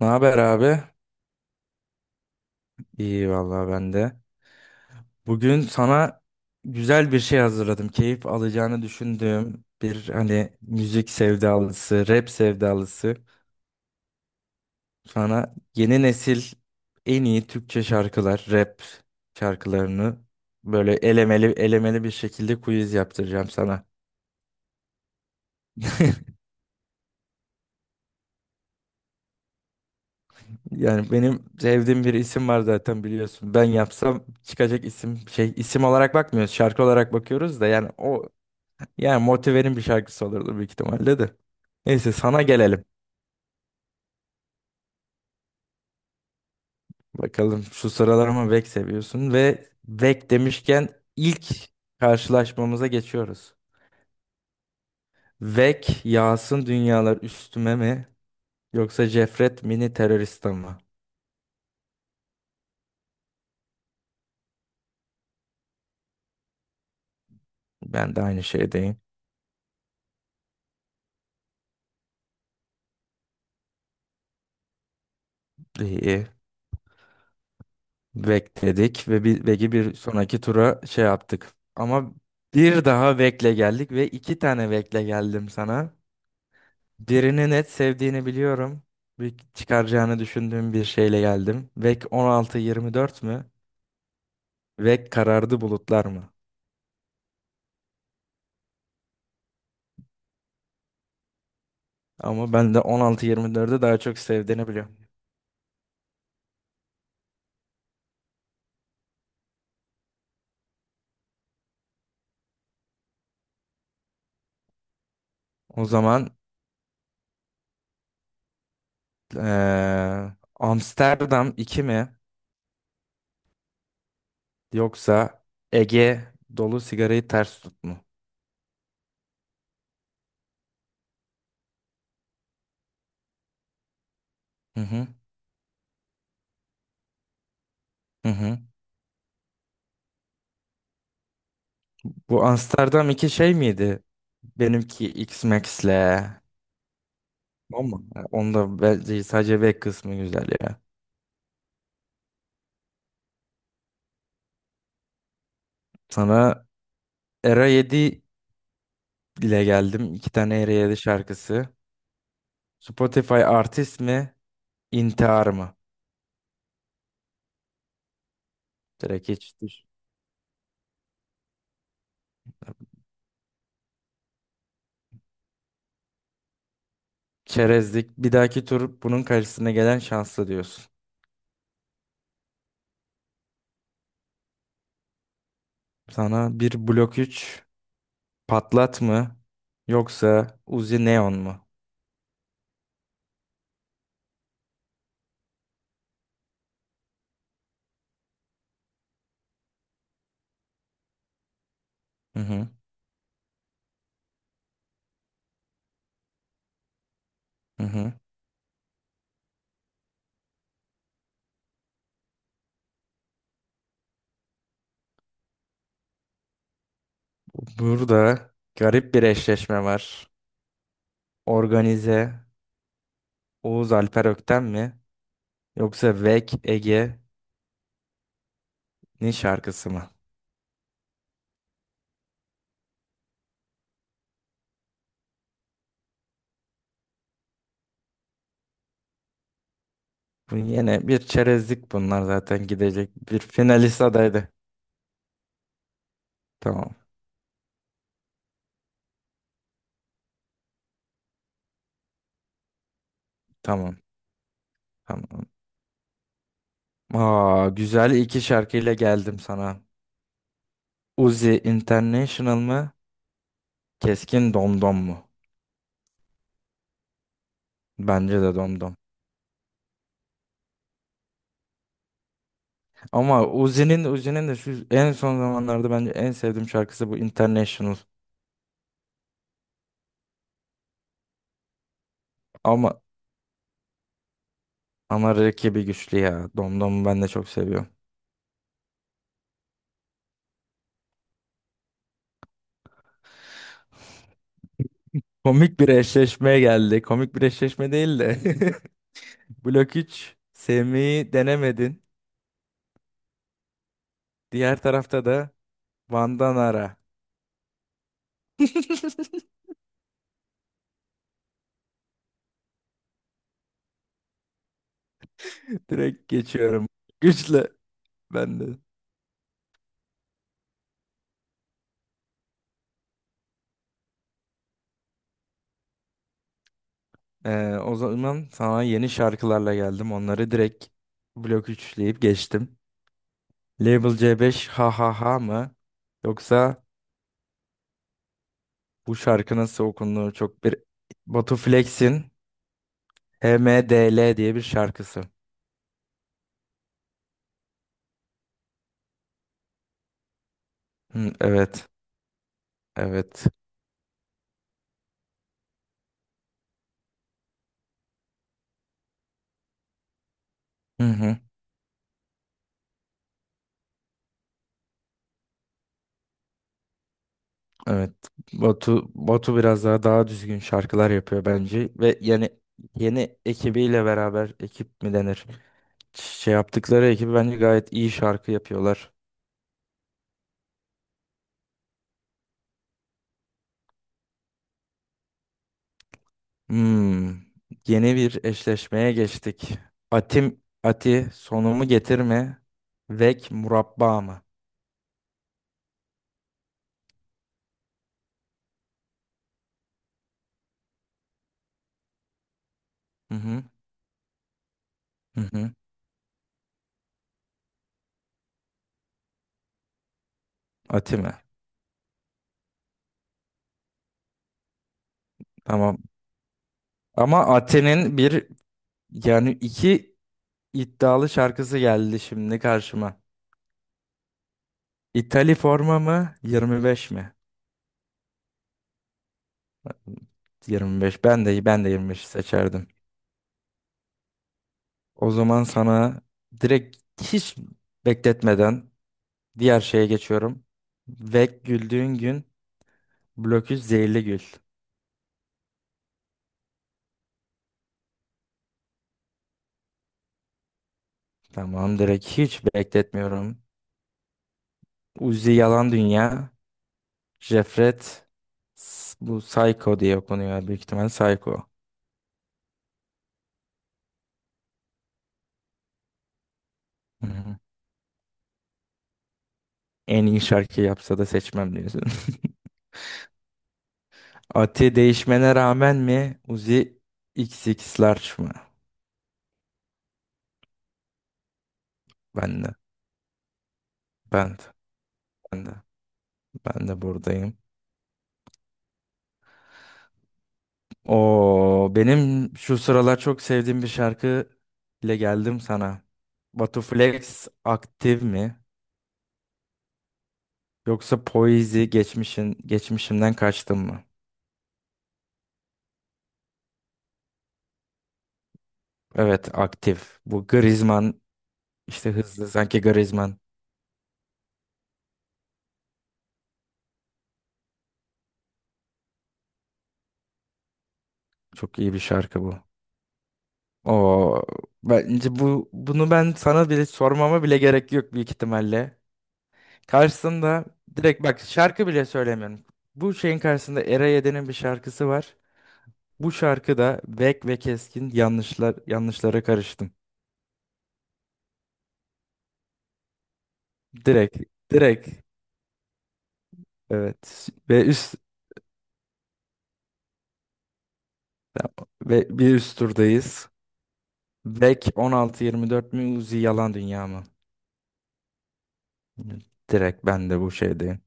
Ne haber abi? İyi vallahi ben de. Bugün sana güzel bir şey hazırladım. Keyif alacağını düşündüğüm bir hani müzik sevdalısı, rap sevdalısı. Sana yeni nesil en iyi Türkçe şarkılar, rap şarkılarını böyle elemeli elemeli bir şekilde quiz yaptıracağım sana. Yani benim sevdiğim bir isim var zaten biliyorsun. Ben yapsam çıkacak isim şey isim olarak bakmıyoruz, şarkı olarak bakıyoruz da yani o. Yani Motiver'in bir şarkısı olurdu büyük ihtimalle de. Neyse sana gelelim. Bakalım şu sıralar ama Vek seviyorsun ve Vek demişken ilk karşılaşmamıza geçiyoruz. Vek yağsın dünyalar üstüme mi yoksa Cefret mini teröriste mi? Ben de aynı şeydeyim. İyi. Vek dedik ve bir, Vek'i bir sonraki tura şey yaptık. Ama bir daha Vek'le geldik ve iki tane Vek'le geldim sana. Birini net sevdiğini biliyorum. Bir çıkaracağını düşündüğüm bir şeyle geldim. Vek 16-24 mü? Vek karardı bulutlar mı? Ama ben de 16-24'ü daha çok sevdiğini biliyorum. O zaman eee, Amsterdam iki mi? Yoksa Ege dolu sigarayı ters tut mu? Hı hı, hı hı. Bu Amsterdam iki şey miydi? Benimki X-Max'le. Ama onda bence sadece Vek kısmı güzel ya. Sana Era yedi ile geldim. İki tane Ereyali şarkısı. Spotify artist mi? İntihar mı? Direkt hiç geçiştir. Çerezlik. Bir dahaki tur bunun karşısına gelen şanslı diyorsun. Sana bir blok üç patlat mı? Yoksa Uzi Neon mu? Hı hı. Hı hı. Burada garip bir eşleşme var. Organize Oğuz Alper Ökten mi? Yoksa Vek Ege'nin şarkısı mı? Bu yine bir çerezlik bunlar zaten gidecek. Bir finalist adaydı. Tamam. Tamam. Tamam. Aa, güzel iki şarkıyla geldim sana. Uzi International mı? Keskin Domdom mu? Bence de Domdom. Ama Uzi'nin de şu en son zamanlarda bence en sevdiğim şarkısı bu International. Ama ama rakibi güçlü ya. Domdom'u ben de çok seviyorum. Komik bir eşleşmeye geldi. Komik bir eşleşme değil de. Blok 3 Semih'i denemedin. Diğer tarafta da Vandanara. Direkt geçiyorum. Güçle ben de. O zaman sana yeni şarkılarla geldim. Onları direkt blok üçleyip geçtim. Label C5 ha ha ha mı? Yoksa bu şarkı nasıl okunduğu çok bir Batu Flex'in H M D L diye bir şarkısı. Hı, evet. Evet. Hı hı. Evet. Batu biraz daha düzgün şarkılar yapıyor bence ve yani yeni ekibiyle beraber ekip mi denir? Şey yaptıkları ekibi bence gayet iyi şarkı yapıyorlar. Hmm. Yeni bir eşleşmeye geçtik. Ati sonumu getirme. Vek murabba mı? Hı hı. Hı hı. Ati mi? Tamam. Ama Ati'nin bir yani iki iddialı şarkısı geldi şimdi karşıma. İtali forma mı? 25 mi? 25. Ben de 25 seçerdim. O zaman sana direkt hiç bekletmeden diğer şeye geçiyorum. Ve güldüğün gün blokü zehirli gül. Tamam direkt hiç bekletmiyorum. Uzi Yalan Dünya. Jefret. Bu Psycho diye okunuyor. Büyük ihtimal Psycho. Hı hı. En iyi şarkı yapsa da seçmem diyorsun. Ati değişmene rağmen mi? Uzi XX'lar mı? Ben de. Ben de. Ben de. Ben de buradayım. O benim şu sıralar çok sevdiğim bir şarkı ile geldim sana. Batu Flex aktif mi? Yoksa Poizi geçmişimden kaçtım mı? Evet aktif. Bu Griezmann işte hızlı sanki Griezmann. Çok iyi bir şarkı bu. O bence bunu ben sana bile sormama bile gerek yok büyük ihtimalle. Karşısında direkt bak şarkı bile söylemiyorum. Bu şeyin karşısında Era Yedi'nin bir şarkısı var. Bu şarkıda Vek ve Keskin yanlışlara karıştım. Direkt direkt evet ve bir üst turdayız. Vek 16-24 mi Uzi Yalan Dünya mı? Direkt ben de bu şeydeyim.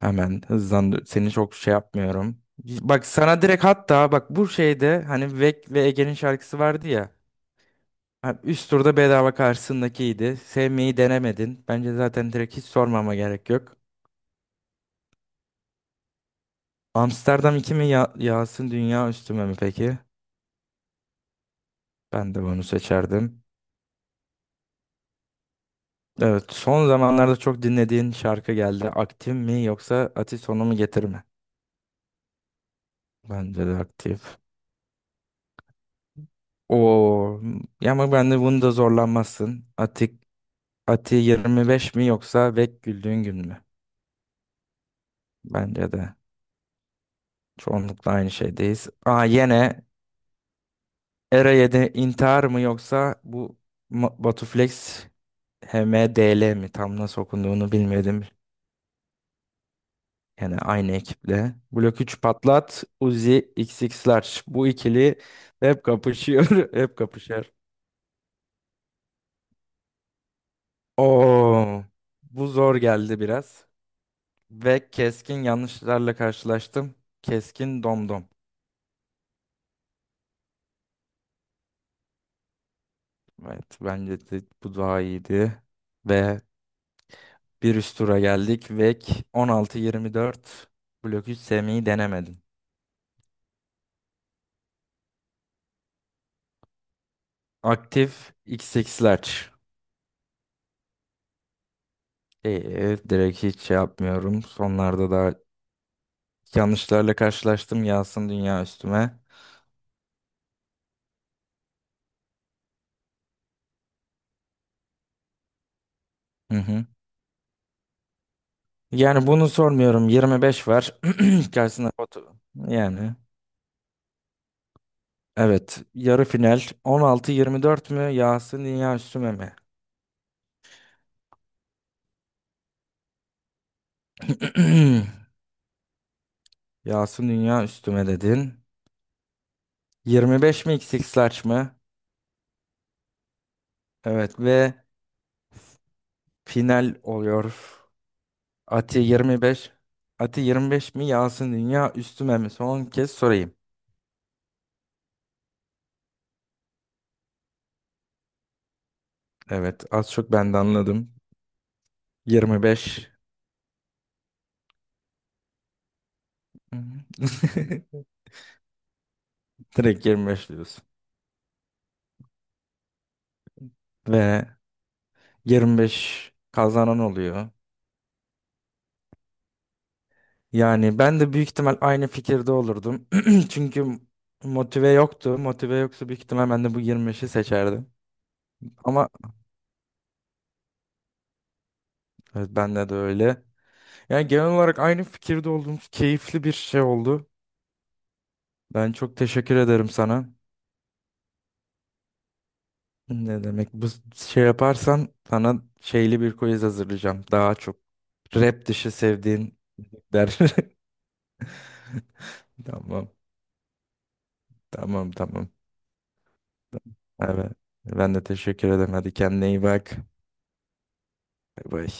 Hemen hızlandı. Seni çok şey yapmıyorum. Bak sana direkt hatta bak bu şeyde hani Vek ve Ege'nin şarkısı vardı ya. Ha, üst turda bedava karşısındakiydi. Sevmeyi denemedin. Bence zaten direkt hiç sormama gerek yok. Amsterdam iki mi ya Yasin Dünya Üstüme mi peki? Ben de bunu seçerdim. Evet, son zamanlarda çok dinlediğin şarkı geldi. Aktif mi yoksa Ati sonu mu getir mi? Bence de aktif. Oo, ya ama ben de bunu da zorlanmazsın. Ati 25 mi yoksa Vek güldüğün gün mü? Bence de çoğunlukla aynı şeydeyiz. Aa yine Era 7 intihar mı yoksa bu Batuflex HMDL mi? Tam nasıl okunduğunu bilmedim. Yani aynı ekiple. Blok üç patlat, Uzi XX'lar. Bu ikili hep kapışıyor, hep kapışır. Oo, bu zor geldi biraz. Ve keskin yanlışlarla karşılaştım. Keskin domdom. Evet, bence de bu daha iyiydi. Ve bir üst tura geldik. Vek 16-24. Blok 3 sevmeyi denemedim. Aktif XX'ler. Direkt hiç şey yapmıyorum. Sonlarda da yanlışlarla karşılaştım yağsın dünya üstüme. Hı hı. Yani bunu sormuyorum. 25 var. Karşısına foto. Yani. Evet. Yarı final. 16-24 mü? Yağsın dünya üstüme mi? Yağsın dünya üstüme dedin. 25 mi XX large mı? Evet ve final oluyor. Ati 25. Ati 25 mi? Yağsın dünya üstüme mi? Son kez sorayım. Evet az çok ben de anladım. 25. Hı hı. Direkt 25 diyorsun. Ve 25 kazanan oluyor. Yani ben de büyük ihtimal aynı fikirde olurdum. Çünkü motive yoktu. Motive yoksa büyük ihtimal ben de bu 25'i seçerdim. Ama evet, bende de öyle. Yani genel olarak aynı fikirde olduğumuz keyifli bir şey oldu. Ben çok teşekkür ederim sana. Ne demek bu şey yaparsan sana şeyli bir quiz hazırlayacağım. Daha çok rap dışı sevdiğin der. Tamam, tamam, tamam. Evet. Ben de teşekkür ederim. Hadi kendine iyi bak. Bay bay.